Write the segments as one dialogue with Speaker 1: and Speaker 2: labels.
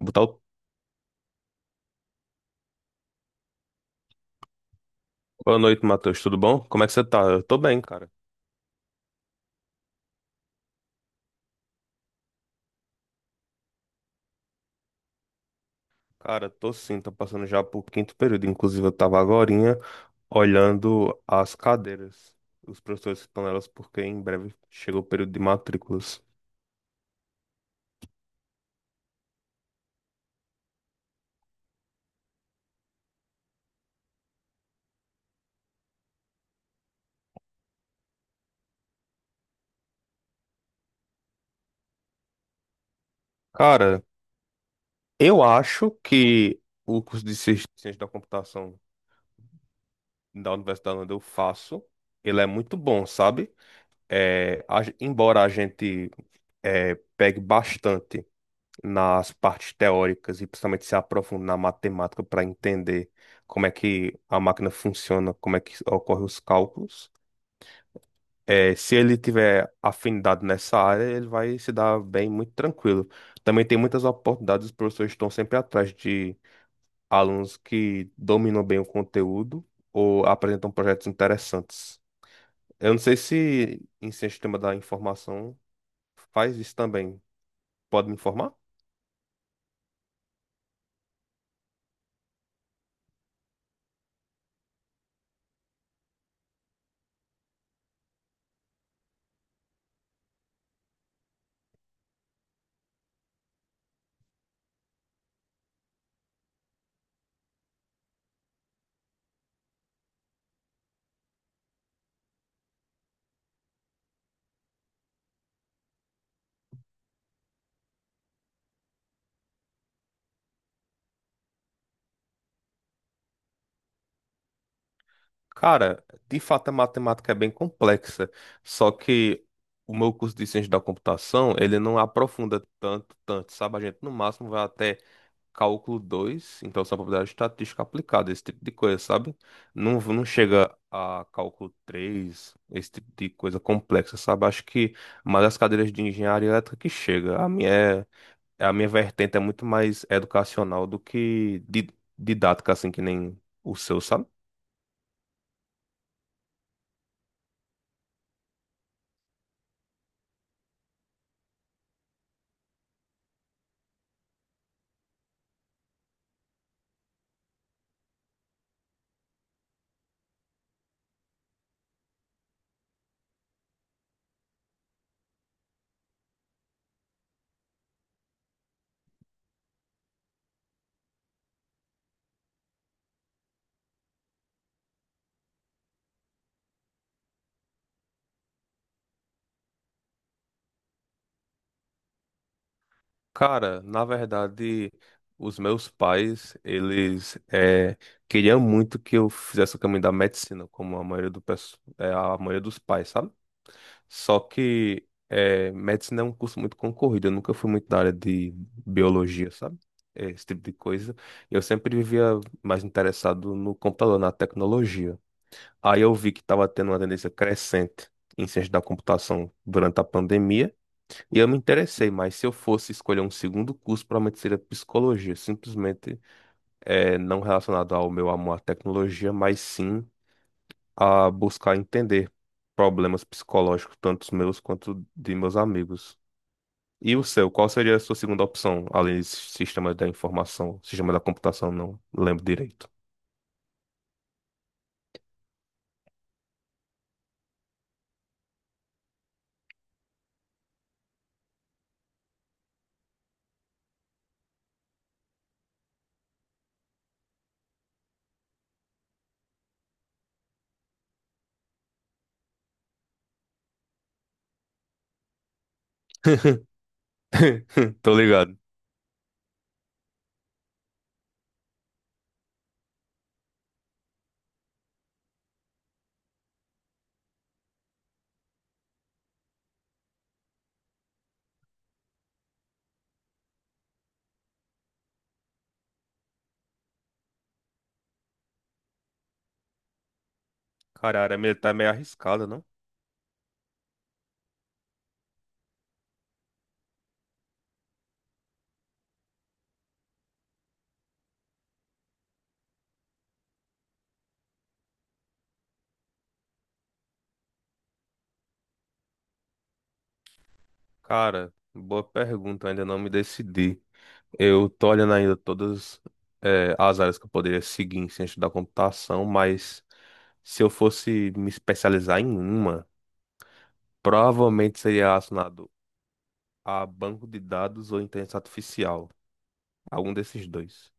Speaker 1: Botar o... Boa noite, Matheus. Tudo bom? Como é que você tá? Eu tô bem, cara. Cara, tô sim, tô passando já pro 5º período. Inclusive, eu tava agorinha olhando as cadeiras, os professores que estão nelas, porque em breve chega o período de matrículas. Cara, eu acho que o curso de Ciência da Computação da Universidade onde eu faço, ele é muito bom, sabe? Embora a gente pegue bastante nas partes teóricas e principalmente se aprofundar na matemática para entender como é que a máquina funciona, como é que ocorrem os cálculos. É, se ele tiver afinidade nessa área, ele vai se dar bem muito tranquilo. Também tem muitas oportunidades, os professores estão sempre atrás de alunos que dominam bem o conteúdo ou apresentam projetos interessantes. Eu não sei se em Ciência do sistema da informação faz isso também. Pode me informar? Cara, de fato a matemática é bem complexa, só que o meu curso de ciência da computação, ele não aprofunda tanto, sabe? A gente no máximo vai até cálculo 2. Então só probabilidade estatística aplicada, esse tipo de coisa, sabe? Não, não chega a cálculo 3, esse tipo de coisa complexa, sabe? Acho que mais as cadeiras de engenharia elétrica que chega. A minha vertente é muito mais educacional do que didática, assim, que nem o seu, sabe? Cara, na verdade, os meus pais, eles queriam muito que eu fizesse o caminho da medicina, como a maioria do, pesso- eh, a maioria dos pais, sabe? Só que medicina é um curso muito concorrido, eu nunca fui muito da área de biologia, sabe? Esse tipo de coisa. Eu sempre vivia mais interessado no computador, na tecnologia. Aí eu vi que estava tendo uma tendência crescente em ciência da computação durante a pandemia. E eu me interessei, mas se eu fosse escolher um segundo curso, provavelmente seria psicologia, simplesmente não relacionado ao meu amor à tecnologia, mas sim a buscar entender problemas psicológicos, tanto os meus quanto de meus amigos. E o seu, qual seria a sua segunda opção, além de sistema da informação, sistema da computação, não lembro direito. Tô ligado. Cara, a área militar é meio arriscada, não? Cara, boa pergunta, ainda não me decidi. Eu tô olhando ainda todas, as áreas que eu poderia seguir em ciência da computação, mas se eu fosse me especializar em uma, provavelmente seria relacionado a banco de dados ou inteligência artificial. Algum desses dois.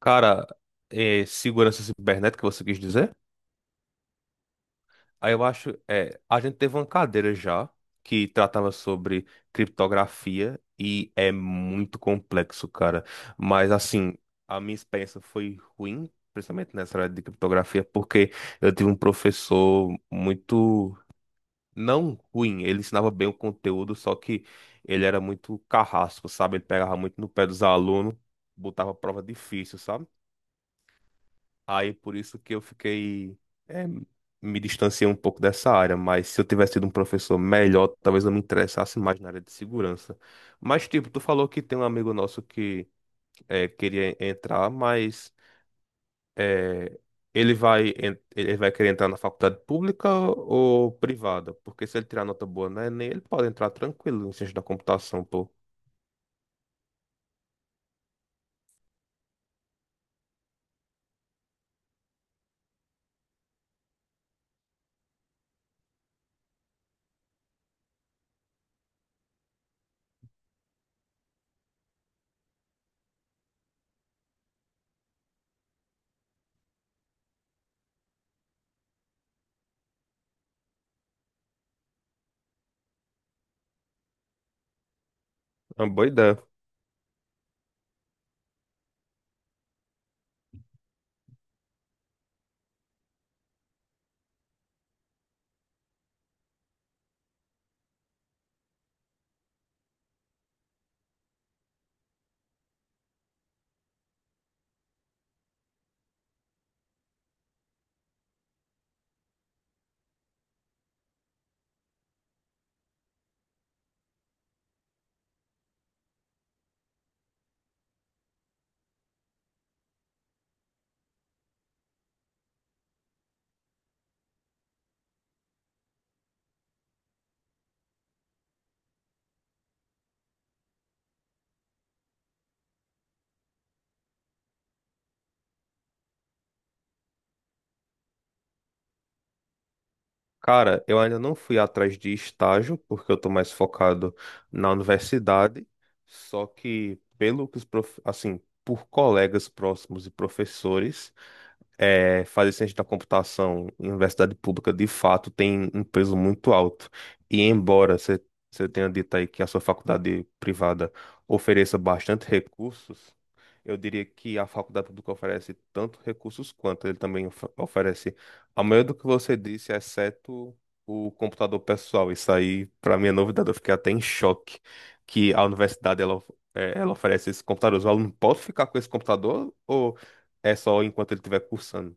Speaker 1: Cara, segurança cibernética, você quis dizer? Aí eu acho, é, a gente teve uma cadeira já que tratava sobre criptografia e é muito complexo, cara. Mas assim, a minha experiência foi ruim, principalmente nessa área de criptografia, porque eu tive um professor muito não ruim, ele ensinava bem o conteúdo, só que ele era muito carrasco, sabe? Ele pegava muito no pé dos alunos, botava prova difícil, sabe? Aí por isso que eu fiquei, é, me distanciei um pouco dessa área, mas se eu tivesse tido um professor melhor, talvez eu me interessasse mais na área de segurança. Mas tipo, tu falou que tem um amigo nosso que queria entrar, mas é, ele vai, ele vai querer entrar na faculdade pública ou privada? Porque se ele tirar nota boa na Enem, ele pode entrar tranquilo em ciência da computação, pô. É uma boa ideia. Cara, eu ainda não fui atrás de estágio, porque eu tô mais focado na universidade, só que pelo que os prof... assim, por colegas próximos e professores, é, fazer ciência da computação em universidade pública, de fato, tem um peso muito alto. E embora você tenha dito aí que a sua faculdade privada ofereça bastante recursos, eu diria que a faculdade pública oferece tanto recursos quanto ele também oferece a maioria do que você disse, exceto o computador pessoal. Isso aí, para mim, é novidade. Eu fiquei até em choque que a universidade ela oferece esse computador. O aluno pode ficar com esse computador ou é só enquanto ele estiver cursando?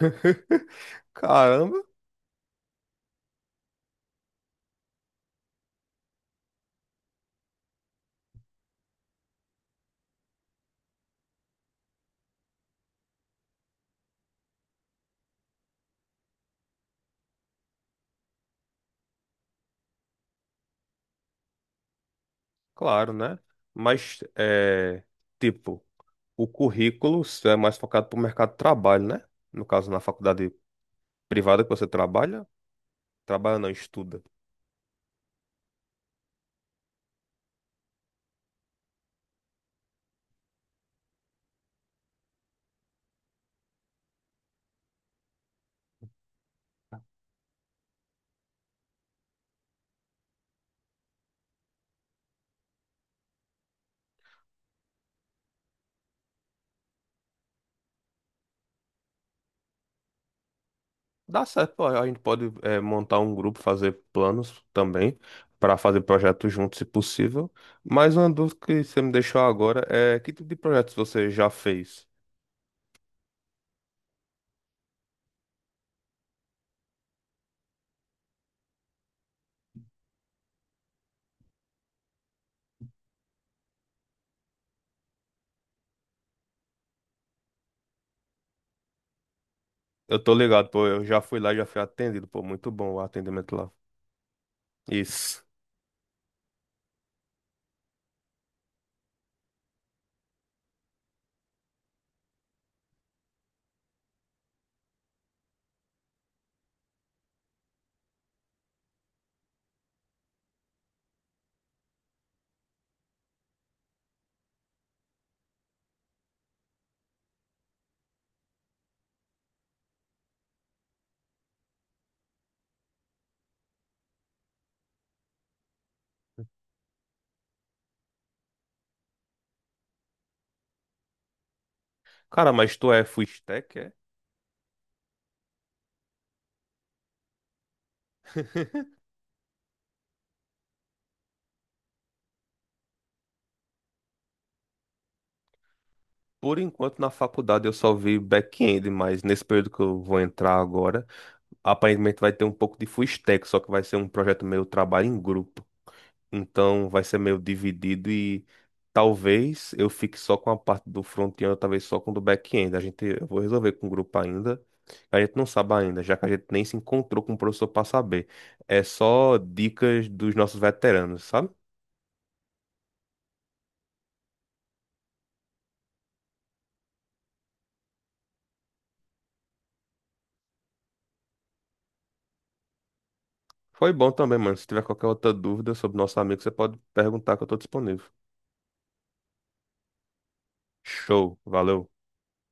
Speaker 1: Caramba, claro, né? Mas é tipo, o currículo é mais focado para o mercado de trabalho, né? No caso, na faculdade privada que você trabalha, trabalha não, estuda. Dá certo, a gente pode montar um grupo, fazer planos também para fazer projetos juntos, se possível. Mas uma dúvida que você me deixou agora é que tipo de projetos você já fez? Eu tô ligado, pô, eu já fui lá, já fui atendido, pô, muito bom o atendimento lá. Isso. Cara, mas tu é full stack? É? Por enquanto, na faculdade eu só vi back-end, mas nesse período que eu vou entrar agora, aparentemente vai ter um pouco de full stack, só que vai ser um projeto meio trabalho em grupo. Então vai ser meio dividido e talvez eu fique só com a parte do front-end, ou talvez só com o do back-end. A gente, eu vou resolver com o grupo ainda. A gente não sabe ainda, já que a gente nem se encontrou com o professor para saber. É só dicas dos nossos veteranos, sabe? Foi bom também, mano. Se tiver qualquer outra dúvida sobre nosso amigo, você pode perguntar que eu estou disponível. Show, valeu.